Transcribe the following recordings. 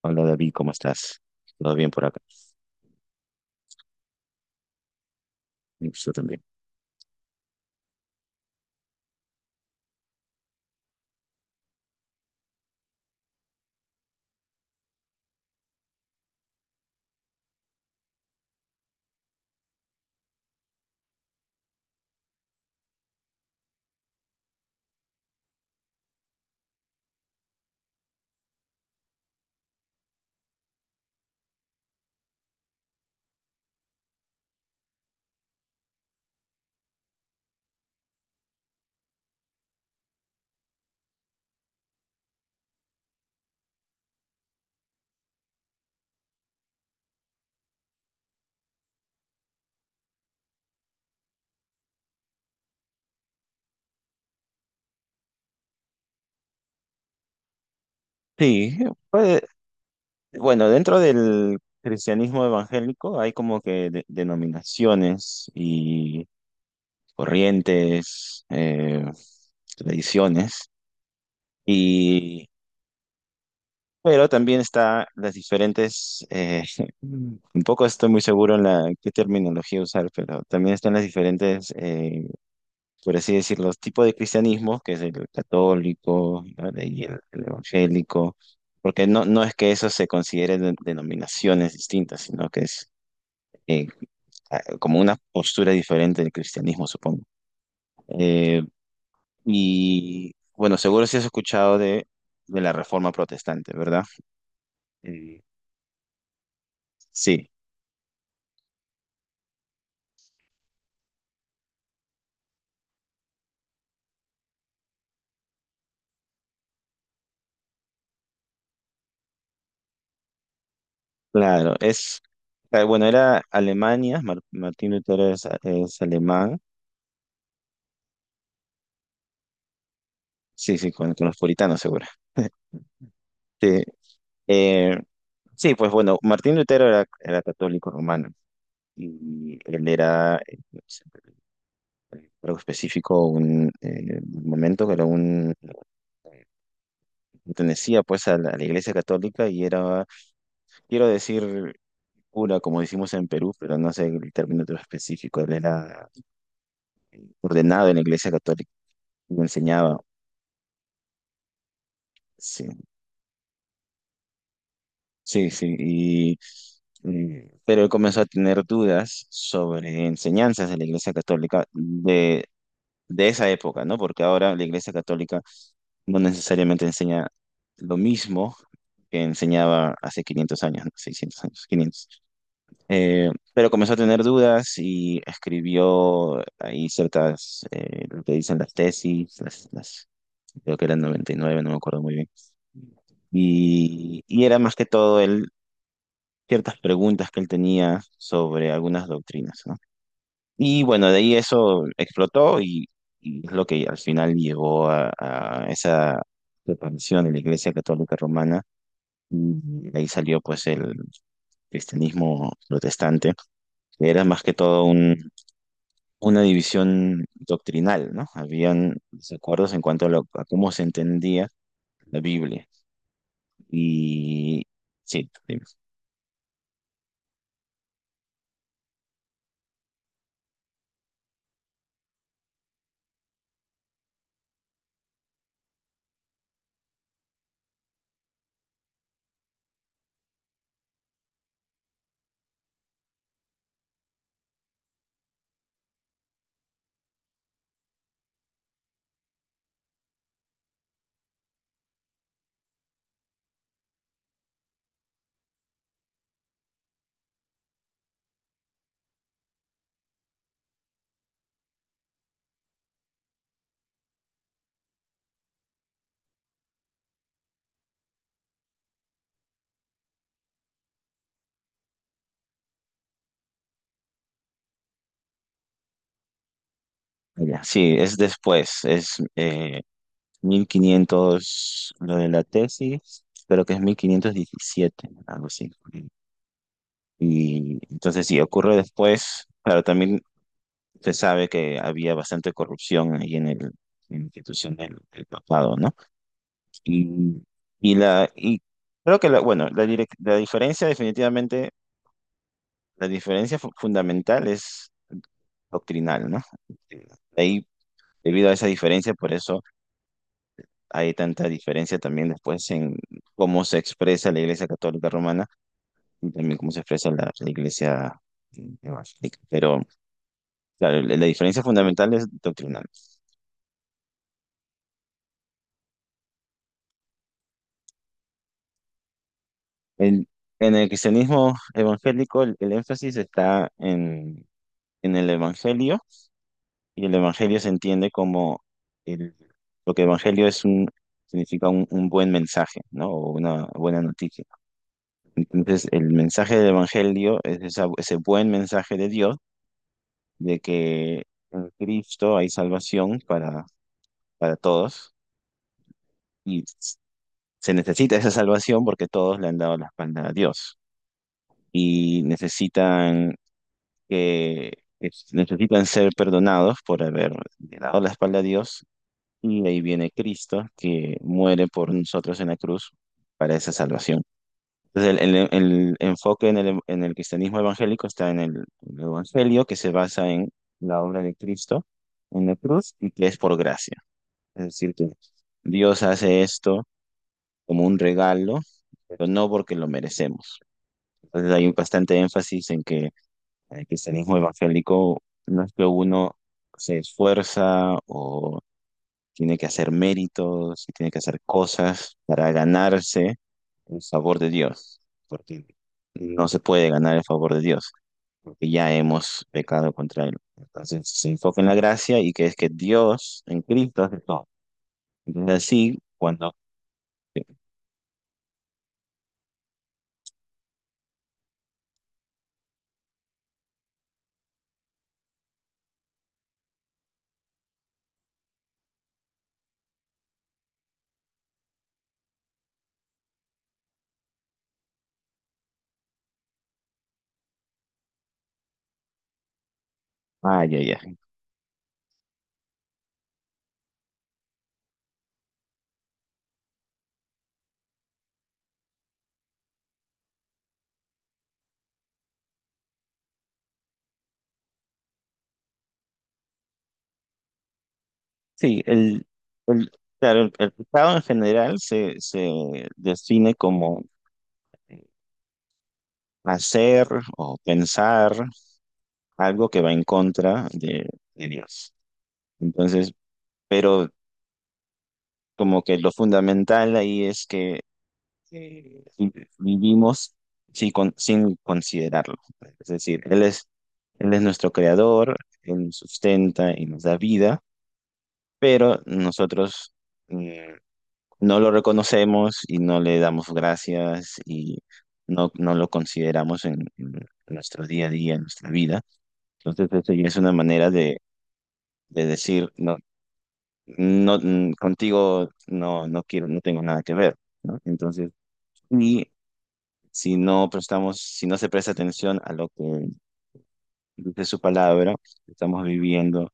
Hola David, ¿cómo estás? ¿Todo bien por acá? Yo también. Sí, pues, bueno, dentro del cristianismo evangélico hay como que denominaciones y corrientes, tradiciones, y, pero también está las diferentes, un poco estoy muy seguro en la qué terminología usar, pero también están las diferentes por así decir, los tipos de cristianismos que es el católico, ¿vale? Y el evangélico, porque no es que eso se considere denominaciones distintas, sino que es eh, como una postura diferente del cristianismo, supongo. Eh, y bueno, seguro si has escuchado de la Reforma Protestante, ¿verdad? Eh, sí, claro, bueno, era Alemania, Martín Lutero es alemán, sí, sí, con los puritanos, seguro. Sí, eh, sí, pues bueno, Martín Lutero era católico romano y él algo específico, un momento que era eh, pertenecía pues a a la Iglesia Católica y era, quiero decir, cura, como decimos en Perú, pero no sé el término todo específico, él era ordenado en la Iglesia Católica y enseñaba, sí, sí, sí, pero él comenzó a tener dudas sobre enseñanzas de la Iglesia Católica de esa época, ¿no? Porque ahora la Iglesia Católica no necesariamente enseña lo mismo que enseñaba hace 500 años, ¿no? 600 años, 500. Pero comenzó a tener dudas y escribió ahí ciertas, lo que dicen las tesis, creo que eran 99, no me acuerdo muy bien. Y era más que todo él, ciertas preguntas que él tenía sobre algunas doctrinas, ¿no? Y bueno, de ahí eso explotó y es lo que al final llegó a esa separación de la Iglesia Católica Romana y de ahí salió pues el cristianismo protestante, que era más que todo una división doctrinal, ¿no? Habían desacuerdos en cuanto a cómo se entendía la Biblia y sí, dime. Ya, sí, es después, es 1500 lo de la tesis, creo que es 1517 algo así. Y entonces, si ocurre después, claro, también se sabe que había bastante corrupción ahí en en la institución del papado, ¿no? Y, y creo que la diferencia definitivamente, la diferencia fundamental es doctrinal, ¿no? Este, Ahí, debido a esa diferencia, por eso hay tanta diferencia también después en cómo se expresa la Iglesia Católica Romana y también cómo se expresa la Iglesia, mm, Evangélica. Pero claro, la diferencia fundamental es doctrinal. En, en el cristianismo evangélico, el énfasis está en el Evangelio y el Evangelio se entiende como el, lo que Evangelio significa un buen mensaje, ¿no? O una buena noticia. Entonces, el mensaje del Evangelio es ese buen mensaje de Dios de que en Cristo hay salvación para todos y se necesita esa salvación porque todos le han dado la espalda a Dios y necesitan que necesitan ser perdonados por haber dado la espalda a Dios y ahí viene Cristo que muere por nosotros en la cruz para esa salvación. Entonces el enfoque en en el cristianismo evangélico está en el evangelio, que se basa en la obra de Cristo en la cruz y que es por gracia. Es decir, que Dios hace esto como un regalo, pero no porque lo merecemos. Entonces hay un bastante énfasis en que el cristianismo evangélico no es que uno se esfuerza o tiene que hacer méritos y tiene que hacer cosas para ganarse el favor de Dios, porque no se puede ganar el favor de Dios, porque ya hemos pecado contra Él. Entonces se enfoca en la gracia y que es que Dios en Cristo hace todo. Entonces así, cuando… Ah, ya, ya. Sí, el, claro, el pecado en general se define como eh, hacer o pensar algo que va en contra de Dios. Entonces, pero como que lo fundamental ahí es que eh, vi- vivimos sin, sin considerarlo. Es decir, Él es nuestro creador, Él nos sustenta y nos da vida, pero nosotros… mm, no lo reconocemos y no le damos gracias y no lo consideramos en nuestro día a día, en nuestra vida. Entonces, eso ya es una manera de decir, no, no, mm, contigo no, no quiero, no tengo nada que ver, ¿no? Entonces, y si no prestamos, si no se presta atención a lo que dice su palabra, estamos viviendo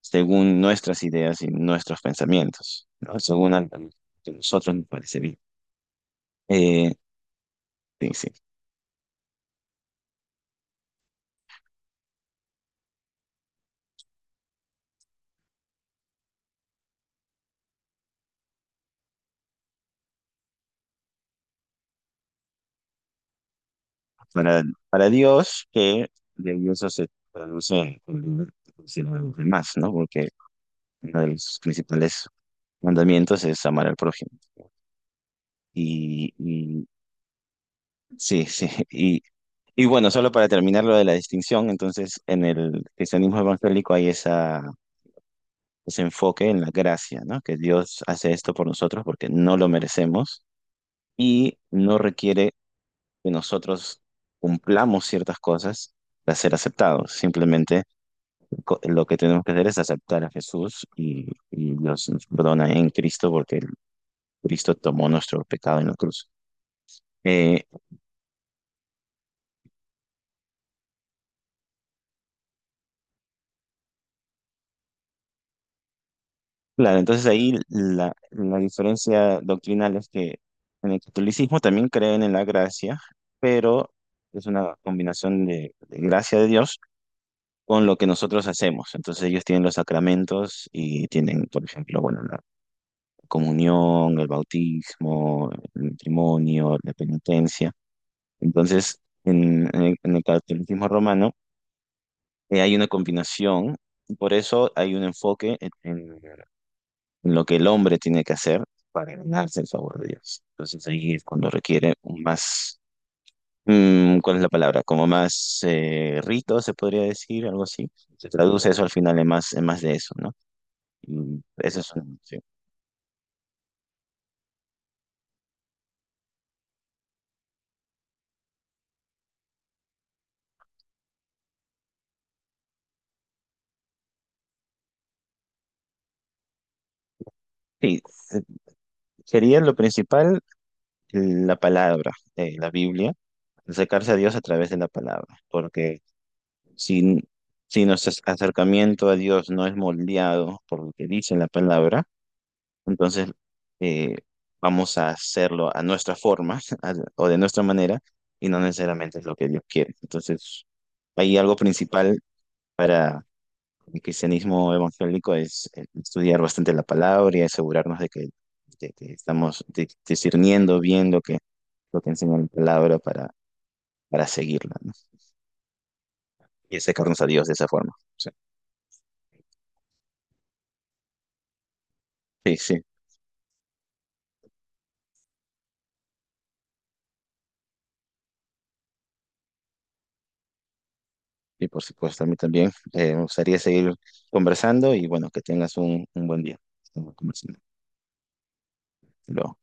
según nuestras ideas y nuestros pensamientos, ¿no? Según algo que a nosotros nos parece bien. Eh, sí, sí. para, para Dios, que de ahí eso se traduce en si no a los demás, ¿no? Porque uno de los principales mandamientos es amar al prójimo. Y sí, sí. Y bueno, solo para terminar lo de la distinción, entonces en el cristianismo evangélico hay ese enfoque en la gracia, ¿no? Que Dios hace esto por nosotros porque no lo merecemos y no requiere que nosotros cumplamos ciertas cosas para ser aceptados. Simplemente lo que tenemos que hacer es aceptar a Jesús y Dios nos perdona en Cristo porque Cristo tomó nuestro pecado en la cruz. Eh, claro, entonces ahí la diferencia doctrinal es que en el catolicismo también creen en la gracia, pero es una combinación de gracia de Dios con lo que nosotros hacemos. Entonces ellos tienen los sacramentos y tienen, por ejemplo, bueno, la comunión, el bautismo, el matrimonio, la penitencia. Entonces, en el catolicismo romano hay una combinación, y por eso hay un enfoque en lo que el hombre tiene que hacer para ganarse el favor de Dios. Entonces ahí es cuando requiere un más, mm, ¿cuál es la palabra? Como más rito, se podría decir, algo así. Se traduce eso al final en más de eso, ¿no? Y eso es una opción. Sí, eh, sería lo principal, la palabra, la Biblia, acercarse a Dios a través de la palabra, porque si, si nuestro acercamiento a Dios no es moldeado por lo que dice la palabra, entonces eh, vamos a hacerlo a nuestra forma o de nuestra manera y no necesariamente es lo que Dios quiere. Entonces, hay algo principal para el cristianismo evangélico es estudiar bastante la palabra y asegurarnos de que estamos discerniendo bien lo que enseña la palabra para seguirla, ¿no? Y acercarnos a Dios de esa forma. O sea, sí, sí. Y por supuesto, a mí también. Me gustaría seguir conversando y bueno, que tengas un buen día. Estamos conversando. Hasta luego.